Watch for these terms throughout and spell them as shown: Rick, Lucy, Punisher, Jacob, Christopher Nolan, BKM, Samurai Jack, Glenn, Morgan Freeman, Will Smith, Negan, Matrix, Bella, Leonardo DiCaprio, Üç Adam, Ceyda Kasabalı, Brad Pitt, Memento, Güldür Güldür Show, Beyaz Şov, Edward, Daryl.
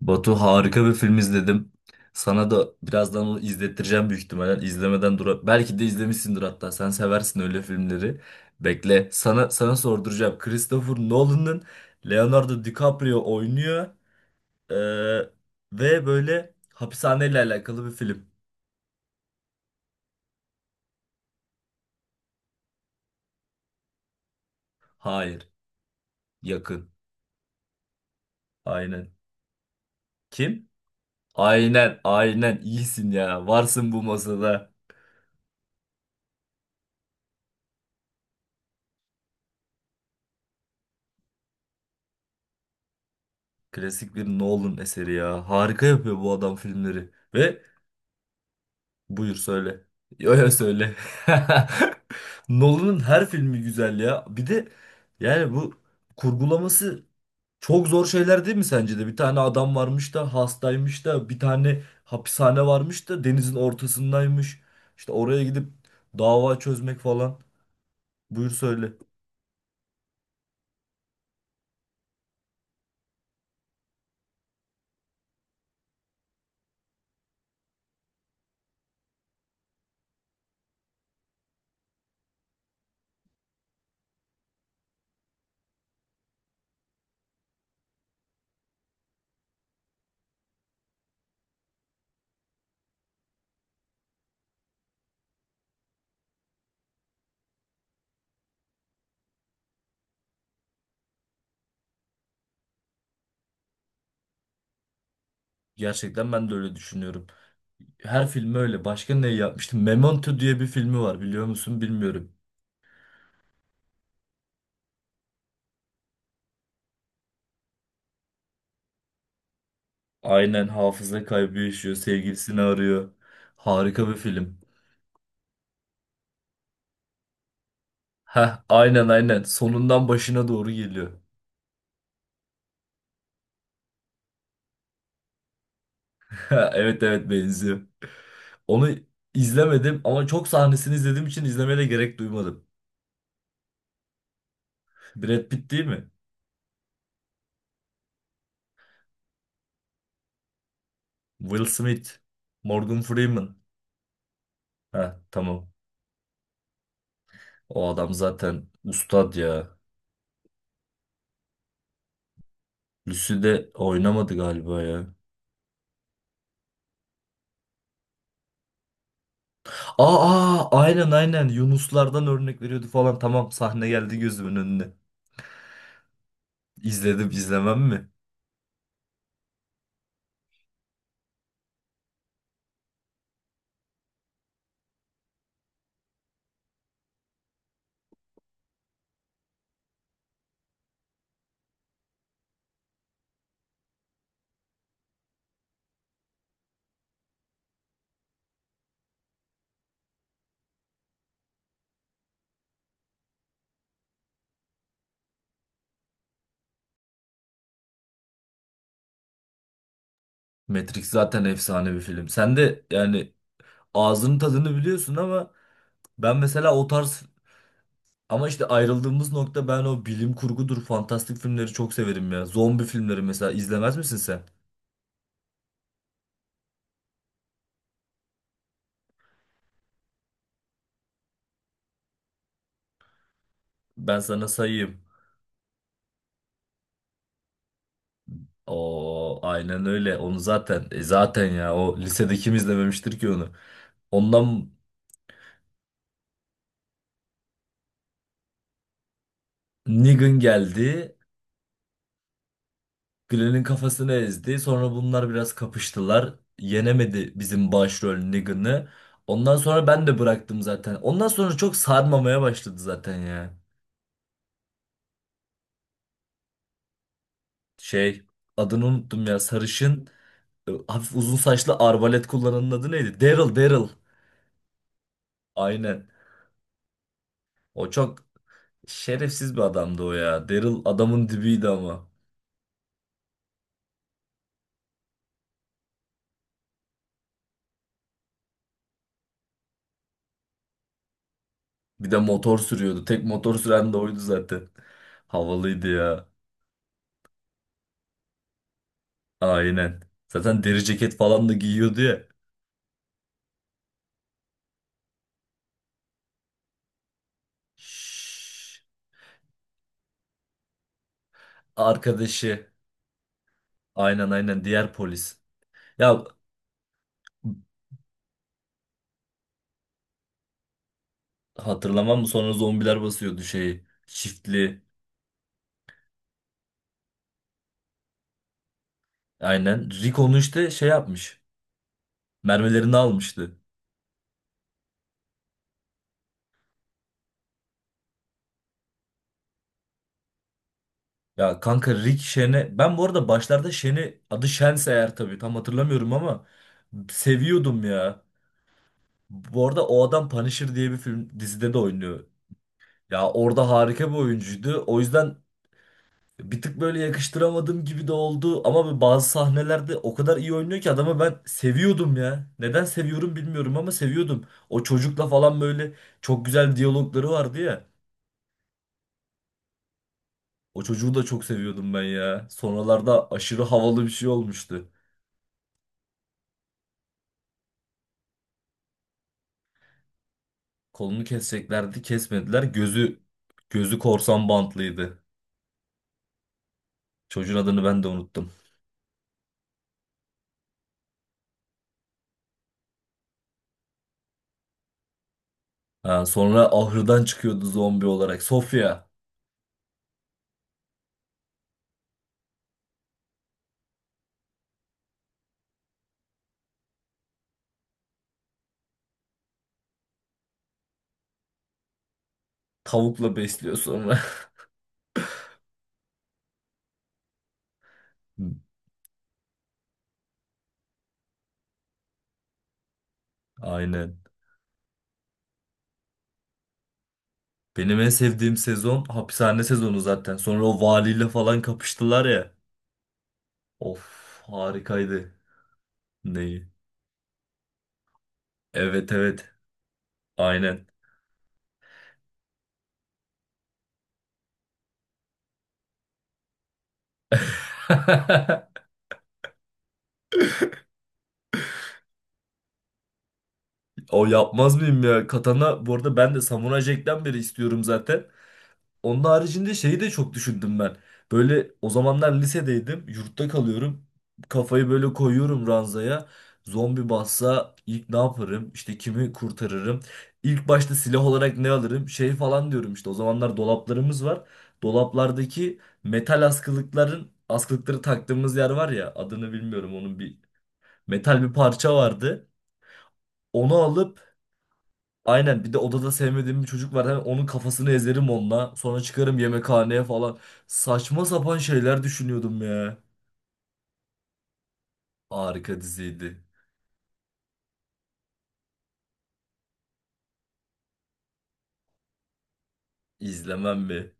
Batu harika bir film izledim. Sana da birazdan onu izlettireceğim büyük ihtimalle. İzlemeden dur. Belki de izlemişsindir hatta. Sen seversin öyle filmleri. Bekle. Sana sorduracağım. Christopher Nolan'ın Leonardo DiCaprio oynuyor. Ee, ve böyle hapishaneyle alakalı bir film. Hayır. Yakın. Aynen. Kim? Aynen. Aynen. İyisin ya. Varsın bu masada. Klasik bir Nolan eseri ya. Harika yapıyor bu adam filmleri. Ve buyur söyle. Yo yo söyle. Nolan'ın her filmi güzel ya. Bir de yani bu kurgulaması çok zor şeyler değil mi sence de? Bir tane adam varmış da hastaymış da bir tane hapishane varmış da denizin ortasındaymış. İşte oraya gidip dava çözmek falan. Buyur söyle. Gerçekten ben de öyle düşünüyorum. Her filmi öyle. Başka ne yapmıştım? Memento diye bir filmi var biliyor musun? Bilmiyorum. Aynen hafıza kaybı yaşıyor. Sevgilisini arıyor. Harika bir film. Heh, aynen aynen. Sonundan başına doğru geliyor. Evet evet benziyor. Onu izlemedim ama çok sahnesini izlediğim için izlemeye de gerek duymadım. Brad Pitt değil mi? Will Smith. Morgan Freeman. Heh, tamam. O adam zaten ustad ya. Lucy'de oynamadı galiba ya. Aa, aa, aynen aynen. Yunuslardan örnek veriyordu falan. Tamam sahne geldi gözümün önüne. İzledim izlemem mi? Matrix zaten efsane bir film. Sen de yani ağzının tadını biliyorsun ama ben mesela o tarz ama işte ayrıldığımız nokta ben o bilim kurgudur, fantastik filmleri çok severim ya. Zombi filmleri mesela izlemez misin sen? Ben sana sayayım. O aynen öyle. Onu zaten zaten ya o lisede kim izlememiştir ki onu. Ondan Negan geldi. Glenn'in kafasını ezdi. Sonra bunlar biraz kapıştılar. Yenemedi bizim başrol Negan'ı. Ondan sonra ben de bıraktım zaten. Ondan sonra çok sarmamaya başladı zaten ya. Şey adını unuttum ya sarışın hafif uzun saçlı arbalet kullananın adı neydi? Daryl Daryl. Aynen. O çok şerefsiz bir adamdı o ya. Daryl adamın dibiydi ama. Bir de motor sürüyordu. Tek motor süren de oydu zaten. Havalıydı ya. Aynen. Zaten deri ceket falan da giyiyordu ya. Şşş. Arkadaşı. Aynen aynen diğer polis. Ya hatırlamam mı sonra zombiler basıyordu şeyi. Çiftli. Aynen. Rick onu işte şey yapmış. Mermilerini almıştı. Ya kanka Rick Shen'e ben bu arada başlarda Shen'i adı Shen'se eğer tabii tam hatırlamıyorum ama seviyordum ya. Bu arada o adam Punisher diye bir film dizide de oynuyor. Ya orada harika bir oyuncuydu. O yüzden bir tık böyle yakıştıramadığım gibi de oldu ama bazı sahnelerde o kadar iyi oynuyor ki adamı ben seviyordum ya. Neden seviyorum bilmiyorum ama seviyordum. O çocukla falan böyle çok güzel diyalogları vardı ya. O çocuğu da çok seviyordum ben ya. Sonralarda aşırı havalı bir şey olmuştu. Kolunu keseceklerdi, kesmediler. Gözü korsan bantlıydı. Çocuğun adını ben de unuttum. Ha, sonra ahırdan çıkıyordu zombi olarak. Sofya tavukla besliyor sonra. Aynen. Benim en sevdiğim sezon hapishane sezonu zaten. Sonra o valiyle falan kapıştılar ya. Of harikaydı. Neyi? Evet evet. Aynen. O yapmaz mıyım ya? Katana bu arada ben de Samuray Jack'ten beri istiyorum zaten. Onun haricinde şeyi de çok düşündüm ben. Böyle o zamanlar lisedeydim. Yurtta kalıyorum. Kafayı böyle koyuyorum ranzaya. Zombi bassa ilk ne yaparım? İşte kimi kurtarırım? İlk başta silah olarak ne alırım? Şey falan diyorum işte. O zamanlar dolaplarımız var. Dolaplardaki metal askılıkların askılıkları taktığımız yer var ya adını bilmiyorum onun bir metal bir parça vardı. Onu alıp aynen bir de odada sevmediğim bir çocuk var. Hemen onun kafasını ezerim onunla. Sonra çıkarım yemekhaneye falan. Saçma sapan şeyler düşünüyordum ya. Harika diziydi. İzlemem mi?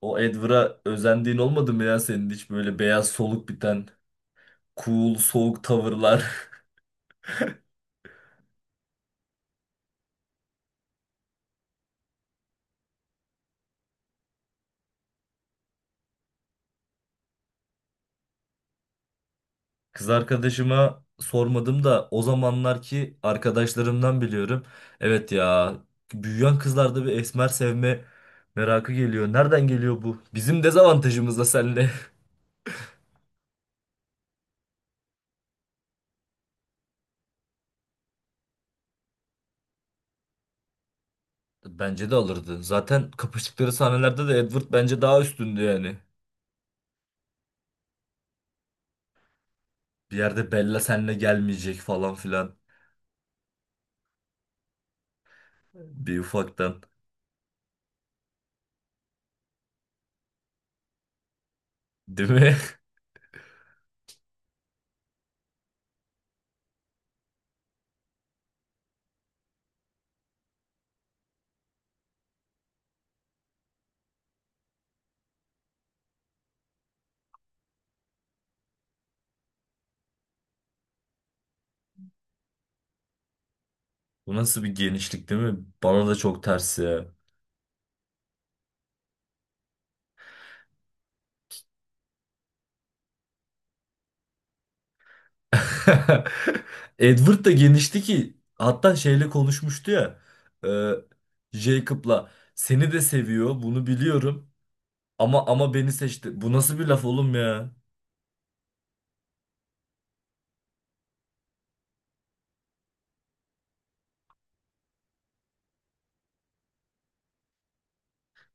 O Edward'a özendiğin olmadı mı ya senin hiç böyle beyaz soluk biten cool soğuk tavırlar. Kız arkadaşıma sormadım da o zamanlarki arkadaşlarımdan biliyorum. Evet ya büyüyen kızlarda bir esmer sevme merakı geliyor. Nereden geliyor bu? Bizim dezavantajımız da seninle. Bence de alırdı. Zaten kapıştıkları sahnelerde de Edward bence daha üstündü yani. Bir yerde Bella seninle gelmeyecek falan filan. Bir ufaktan. Değil mi? Bu nasıl bir genişlik değil mi? Bana da çok ters ya. Edward da genişti ki hatta şeyle konuşmuştu ya. E, Jacob'la seni de seviyor bunu biliyorum ama ama beni seçti. Bu nasıl bir laf oğlum ya?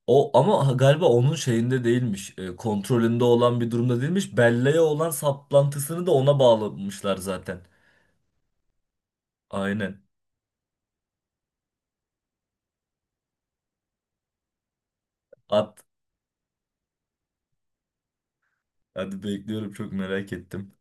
O ama galiba onun şeyinde değilmiş. Kontrolünde olan bir durumda değilmiş. Belleğe olan saplantısını da ona bağlamışlar zaten. Aynen. At. Hadi bekliyorum çok merak ettim.